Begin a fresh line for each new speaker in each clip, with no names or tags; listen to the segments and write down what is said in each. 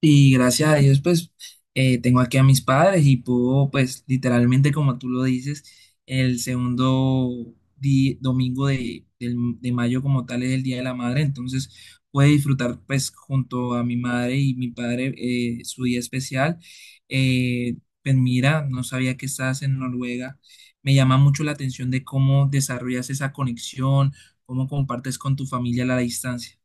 Y gracias a Dios, pues, tengo aquí a mis padres y puedo, pues, literalmente, como tú lo dices, el segundo domingo de mayo como tal es el Día de la Madre, entonces puedo disfrutar, pues, junto a mi madre y mi padre su día especial. Eh, pues mira, no sabía que estabas en Noruega. Me llama mucho la atención de cómo desarrollas esa conexión, cómo compartes con tu familia a la distancia.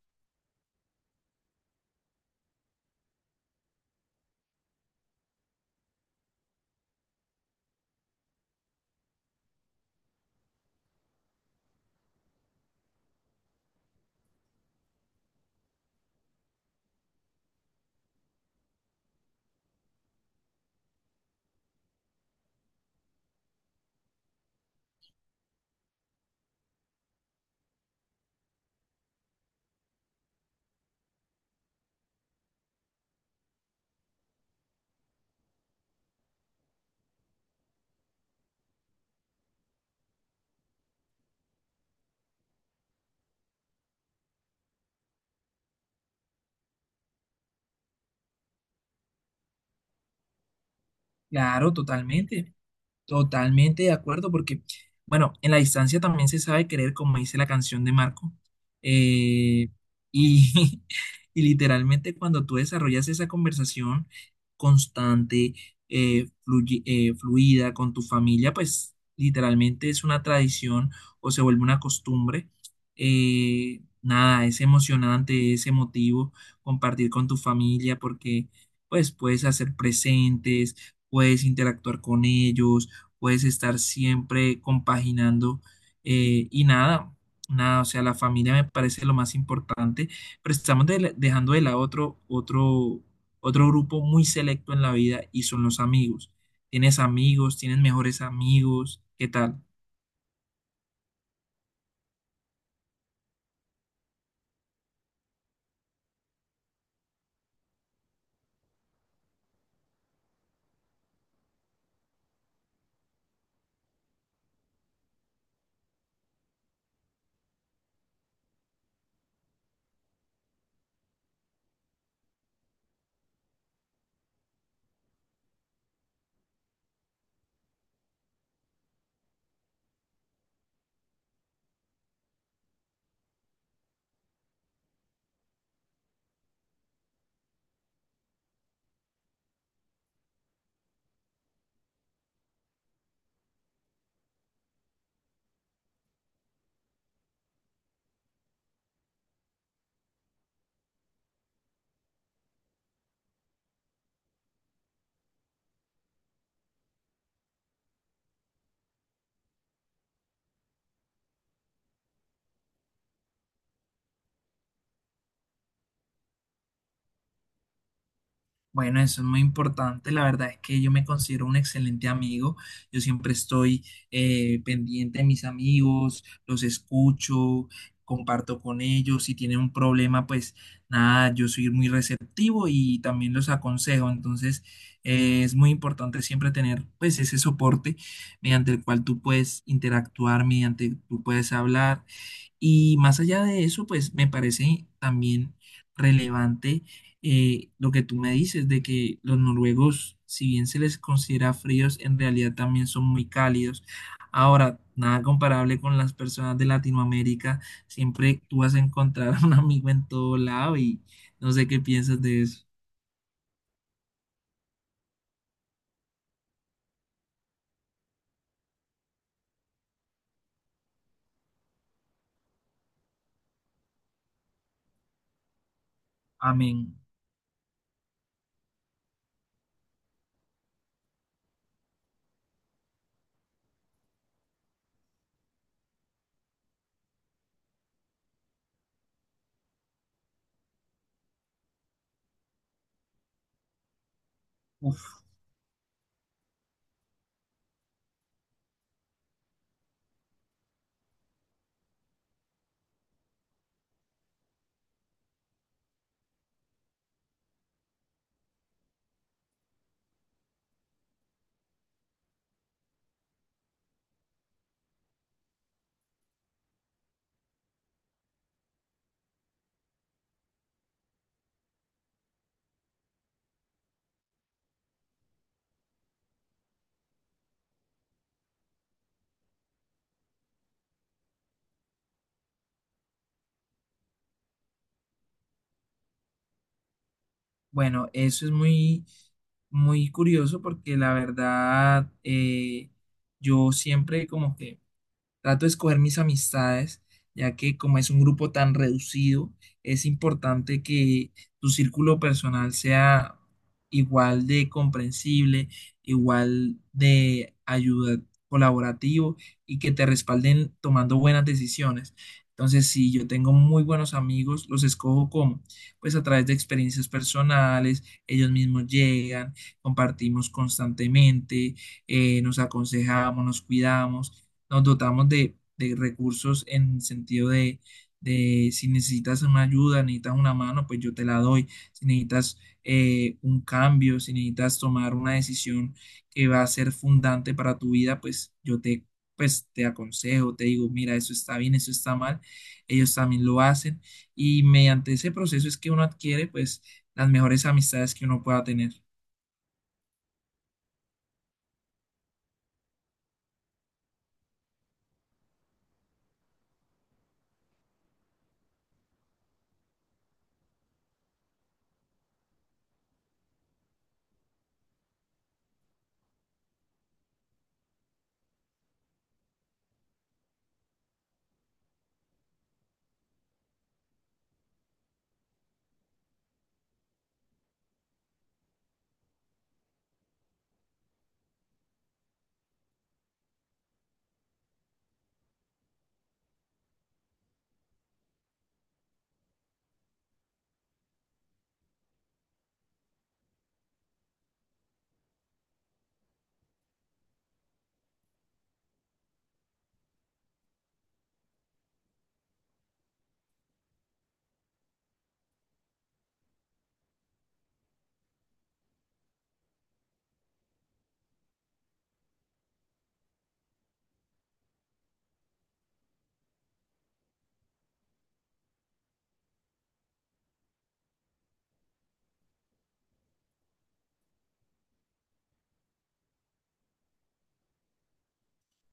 Claro, totalmente. Totalmente de acuerdo, porque, bueno, en la distancia también se sabe querer, como dice la canción de Marco. Eh, y y literalmente cuando tú desarrollas esa conversación constante, fluida con tu familia, pues literalmente es una tradición o se vuelve una costumbre. Nada, es emocionante, es emotivo compartir con tu familia porque, pues, puedes hacer presentes, puedes interactuar con ellos, puedes estar siempre compaginando, eh, y nada, nada, o sea, la familia me parece lo más importante, pero estamos dejando de lado otro grupo muy selecto en la vida y son los amigos. Tienes amigos, tienes mejores amigos, ¿qué tal? Bueno, eso es muy importante. La verdad es que yo me considero un excelente amigo. Yo siempre estoy pendiente de mis amigos, los escucho, comparto con ellos. Si tienen un problema, pues nada, yo soy muy receptivo y también los aconsejo. Entonces, es muy importante siempre tener pues ese soporte mediante el cual tú puedes interactuar, mediante tú puedes hablar. Y más allá de eso, pues me parece también relevante lo que tú me dices de que los noruegos, si bien se les considera fríos, en realidad también son muy cálidos. Ahora, nada comparable con las personas de Latinoamérica, siempre tú vas a encontrar a un amigo en todo lado y no sé qué piensas de eso. Amén. Uf. Bueno, eso es muy, muy curioso porque la verdad, yo siempre como que trato de escoger mis amistades, ya que como es un grupo tan reducido, es importante que tu círculo personal sea igual de comprensible, igual de ayuda, colaborativo y que te respalden tomando buenas decisiones. Entonces, si yo tengo muy buenos amigos, los escojo como, pues a través de experiencias personales, ellos mismos llegan, compartimos constantemente, nos aconsejamos, nos cuidamos, nos dotamos de recursos en sentido de, si necesitas una ayuda, necesitas una mano, pues yo te la doy. Si necesitas un cambio, si necesitas tomar una decisión que va a ser fundante para tu vida, pues yo te, pues, te aconsejo, te digo, mira, eso está bien, eso está mal. Ellos también lo hacen y mediante ese proceso es que uno adquiere, pues, las mejores amistades que uno pueda tener.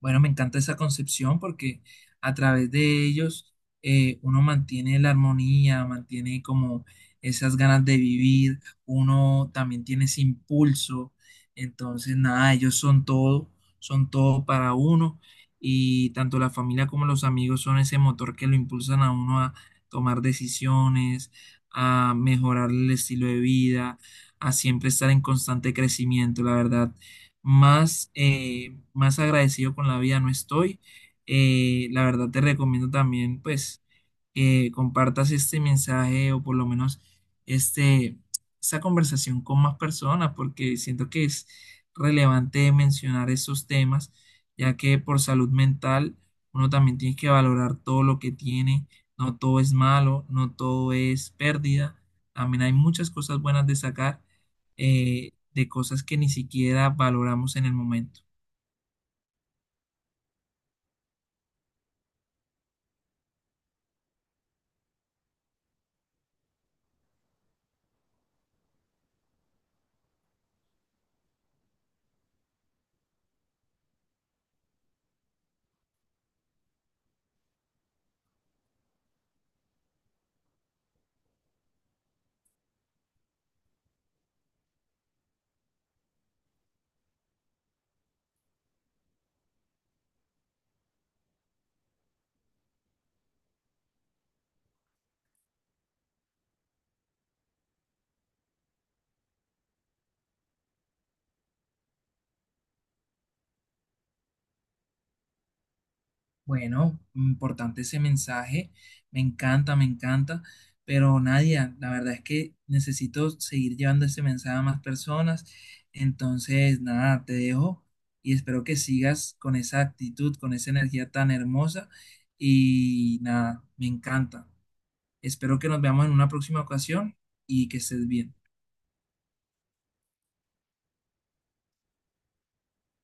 Bueno, me encanta esa concepción porque a través de ellos uno mantiene la armonía, mantiene como esas ganas de vivir, uno también tiene ese impulso. Entonces, nada, ellos son todo para uno y tanto la familia como los amigos son ese motor que lo impulsan a uno a tomar decisiones, a mejorar el estilo de vida, a siempre estar en constante crecimiento. La verdad, más agradecido con la vida no estoy. La verdad, te recomiendo también, pues, que compartas este mensaje o por lo menos este, esta conversación con más personas, porque siento que es relevante mencionar esos temas, ya que por salud mental uno también tiene que valorar todo lo que tiene, no todo es malo, no todo es pérdida, también hay muchas cosas buenas de sacar, de cosas que ni siquiera valoramos en el momento. Bueno, importante ese mensaje, me encanta, pero Nadia, la verdad es que necesito seguir llevando ese mensaje a más personas, entonces nada, te dejo y espero que sigas con esa actitud, con esa energía tan hermosa y nada, me encanta. Espero que nos veamos en una próxima ocasión y que estés bien.